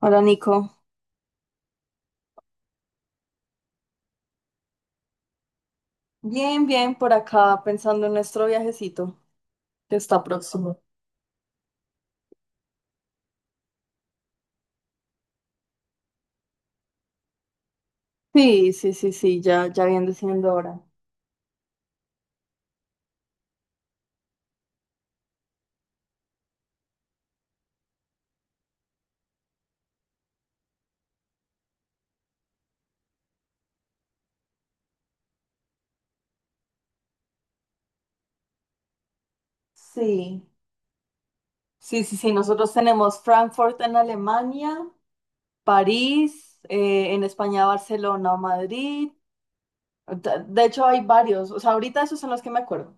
Hola Nico, bien, bien por acá pensando en nuestro viajecito que está próximo. Sí, sí, sí, sí, ya, ya viene siendo hora. Sí, sí, sí, sí, nosotros tenemos Frankfurt en Alemania, París, en España Barcelona o Madrid. De hecho hay varios, o sea, ahorita esos son los que me acuerdo.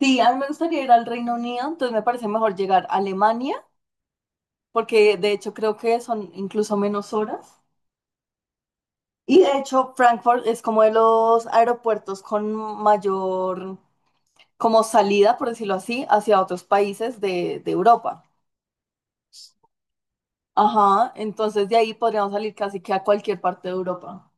Sí, a mí me gustaría ir al Reino Unido, entonces me parece mejor llegar a Alemania, porque de hecho creo que son incluso menos horas. Y de hecho, Frankfurt es como de los aeropuertos con mayor, como salida, por decirlo así, hacia otros países de Europa. Ajá, entonces de ahí podríamos salir casi que a cualquier parte de Europa.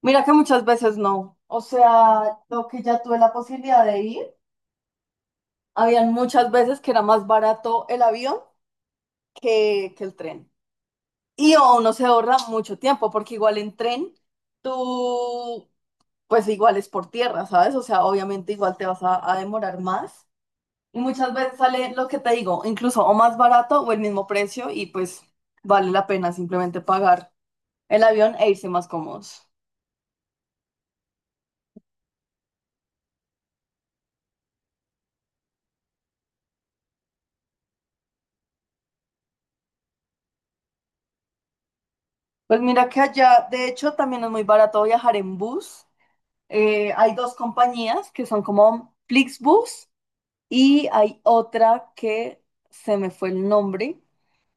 Mira que muchas veces no. O sea, lo que ya tuve la posibilidad de ir, habían muchas veces que era más barato el avión que el tren. Y o uno se ahorra mucho tiempo, porque igual en tren, tú pues igual es por tierra, ¿sabes? O sea, obviamente igual te vas a demorar más. Y muchas veces sale lo que te digo, incluso o más barato o el mismo precio y pues vale la pena simplemente pagar el avión e irse más cómodos. Pues mira que allá, de hecho, también es muy barato viajar en bus. Hay dos compañías que son como Flixbus y hay otra que se me fue el nombre.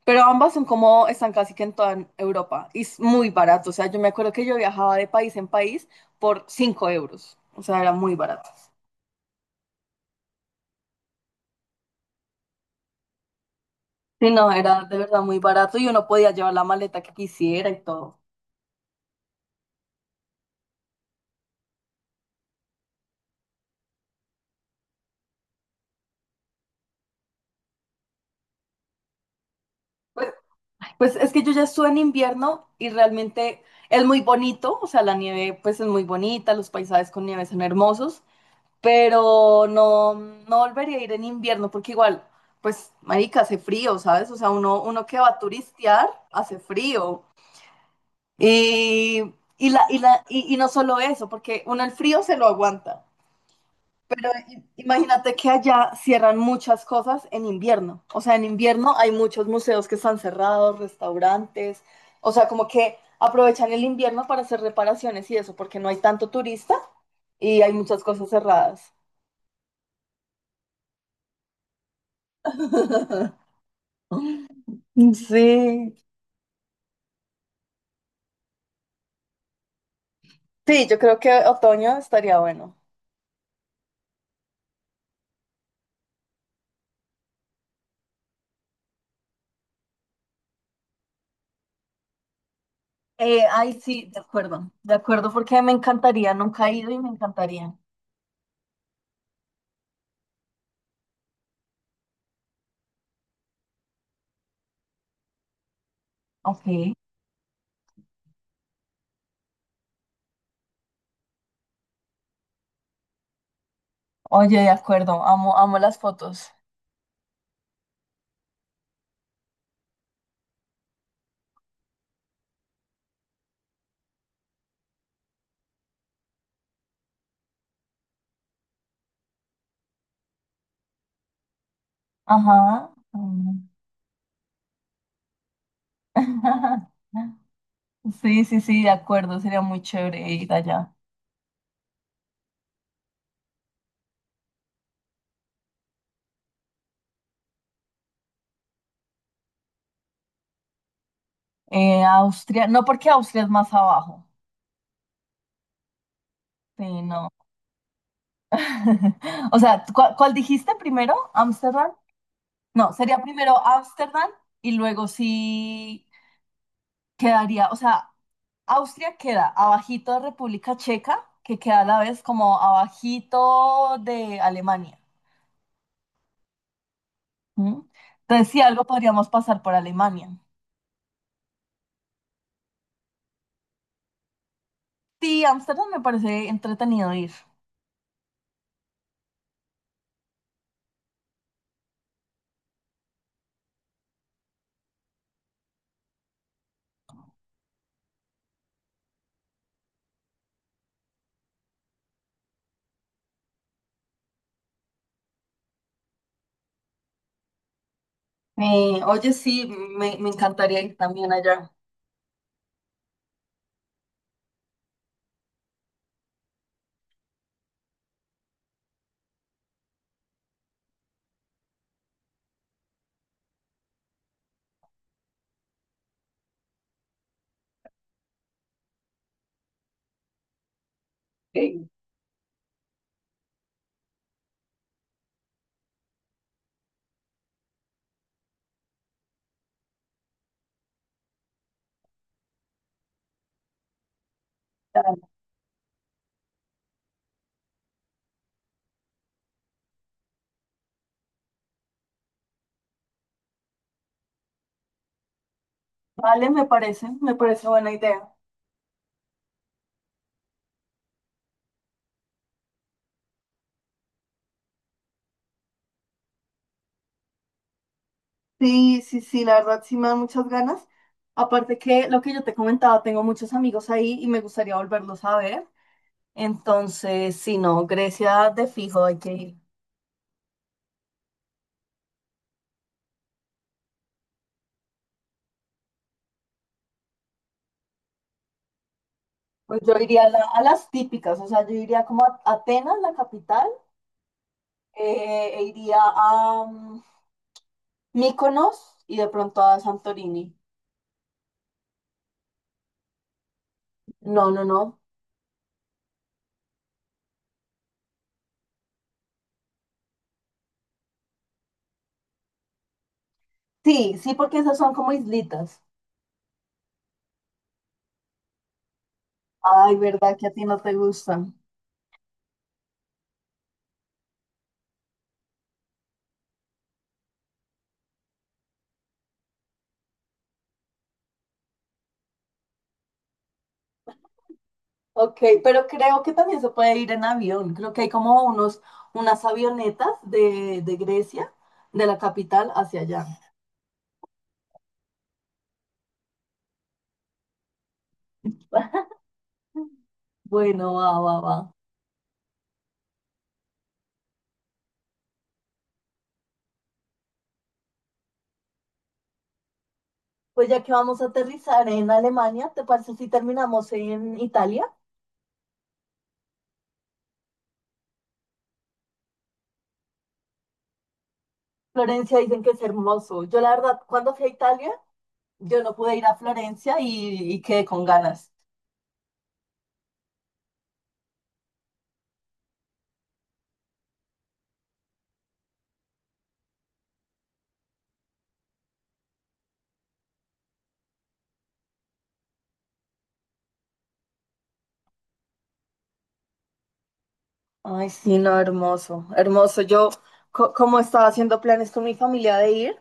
Pero ambas son como, están casi que en toda Europa y es muy barato. O sea, yo me acuerdo que yo viajaba de país en país por 5 euros. O sea, era muy barato. Sí, no, era de verdad muy barato y uno podía llevar la maleta que quisiera y todo. Pues, pues es que yo ya estuve en invierno y realmente es muy bonito. O sea, la nieve pues es muy bonita, los paisajes con nieve son hermosos, pero no, no volvería a ir en invierno porque igual, pues, marica, hace frío, ¿sabes? O sea, uno que va a turistear hace frío. Y, y no solo eso, porque uno el frío se lo aguanta, pero imagínate que allá cierran muchas cosas en invierno. O sea, en invierno hay muchos museos que están cerrados, restaurantes, o sea, como que aprovechan el invierno para hacer reparaciones y eso, porque no hay tanto turista y hay muchas cosas cerradas. Sí, sí, yo creo que otoño estaría bueno. Ay, sí, de acuerdo, porque me encantaría, nunca he ido y me encantaría. Ok. Oye, de acuerdo, amo, amo las fotos. Ajá. Mm. Sí, sí, sí, de acuerdo, sería muy chévere ir allá. Austria, no porque Austria es más abajo. Sí, no. O sea, cuál dijiste primero? ¿Ámsterdam? No, sería primero Ámsterdam y luego sí quedaría, o sea, Austria queda abajito de República Checa, que queda a la vez como abajito de Alemania. Ujú. Entonces, si algo podríamos pasar por Alemania. Sí, Ámsterdam me parece entretenido ir. Oye, sí, me encantaría ir también allá. Ok. Vale, me parece buena idea. Sí, sí, sí, la verdad sí me dan muchas ganas. Aparte que lo que yo te comentaba, tengo muchos amigos ahí y me gustaría volverlos a ver. Entonces, si no, Grecia de fijo hay que ir. Pues yo iría a, a las típicas, o sea, yo iría como a Atenas, la capital, e iría a, Mykonos y de pronto a Santorini. No, no, no. Sí, sí, porque esas son como islitas. Ay, ¿verdad que a ti no te gustan? Ok, pero creo que también se puede ir en avión. Creo que hay como unos, unas avionetas de Grecia, de la capital hacia allá. Bueno, va, va, va. Pues ya que vamos a aterrizar en Alemania, ¿te parece si terminamos en Italia? Florencia dicen que es hermoso. Yo la verdad, cuando fui a Italia, yo no pude ir a Florencia y quedé con ganas. Ay, sí, no, hermoso, hermoso. Yo, como estaba haciendo planes con mi familia de ir,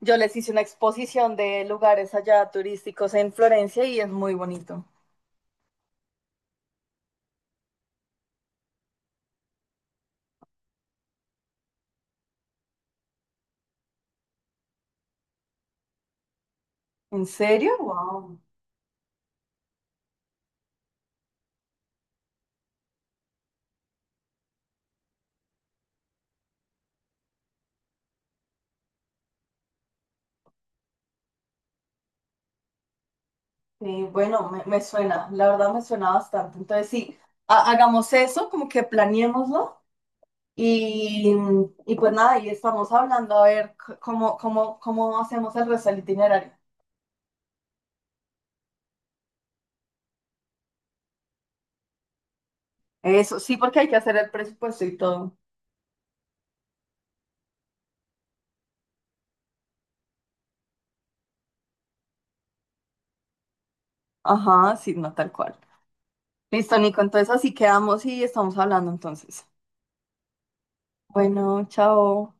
yo les hice una exposición de lugares allá turísticos en Florencia y es muy bonito. ¿En serio? Wow. Sí, bueno, me suena, la verdad me suena bastante. Entonces, sí, hagamos eso, como que planeémoslo y, y pues nada, ahí estamos hablando a ver cómo, cómo, cómo hacemos el resto del itinerario. Eso, sí, porque hay que hacer el presupuesto y todo. Ajá, sí, no, tal cual. Listo, Nico, entonces así quedamos y estamos hablando entonces. Bueno, chao.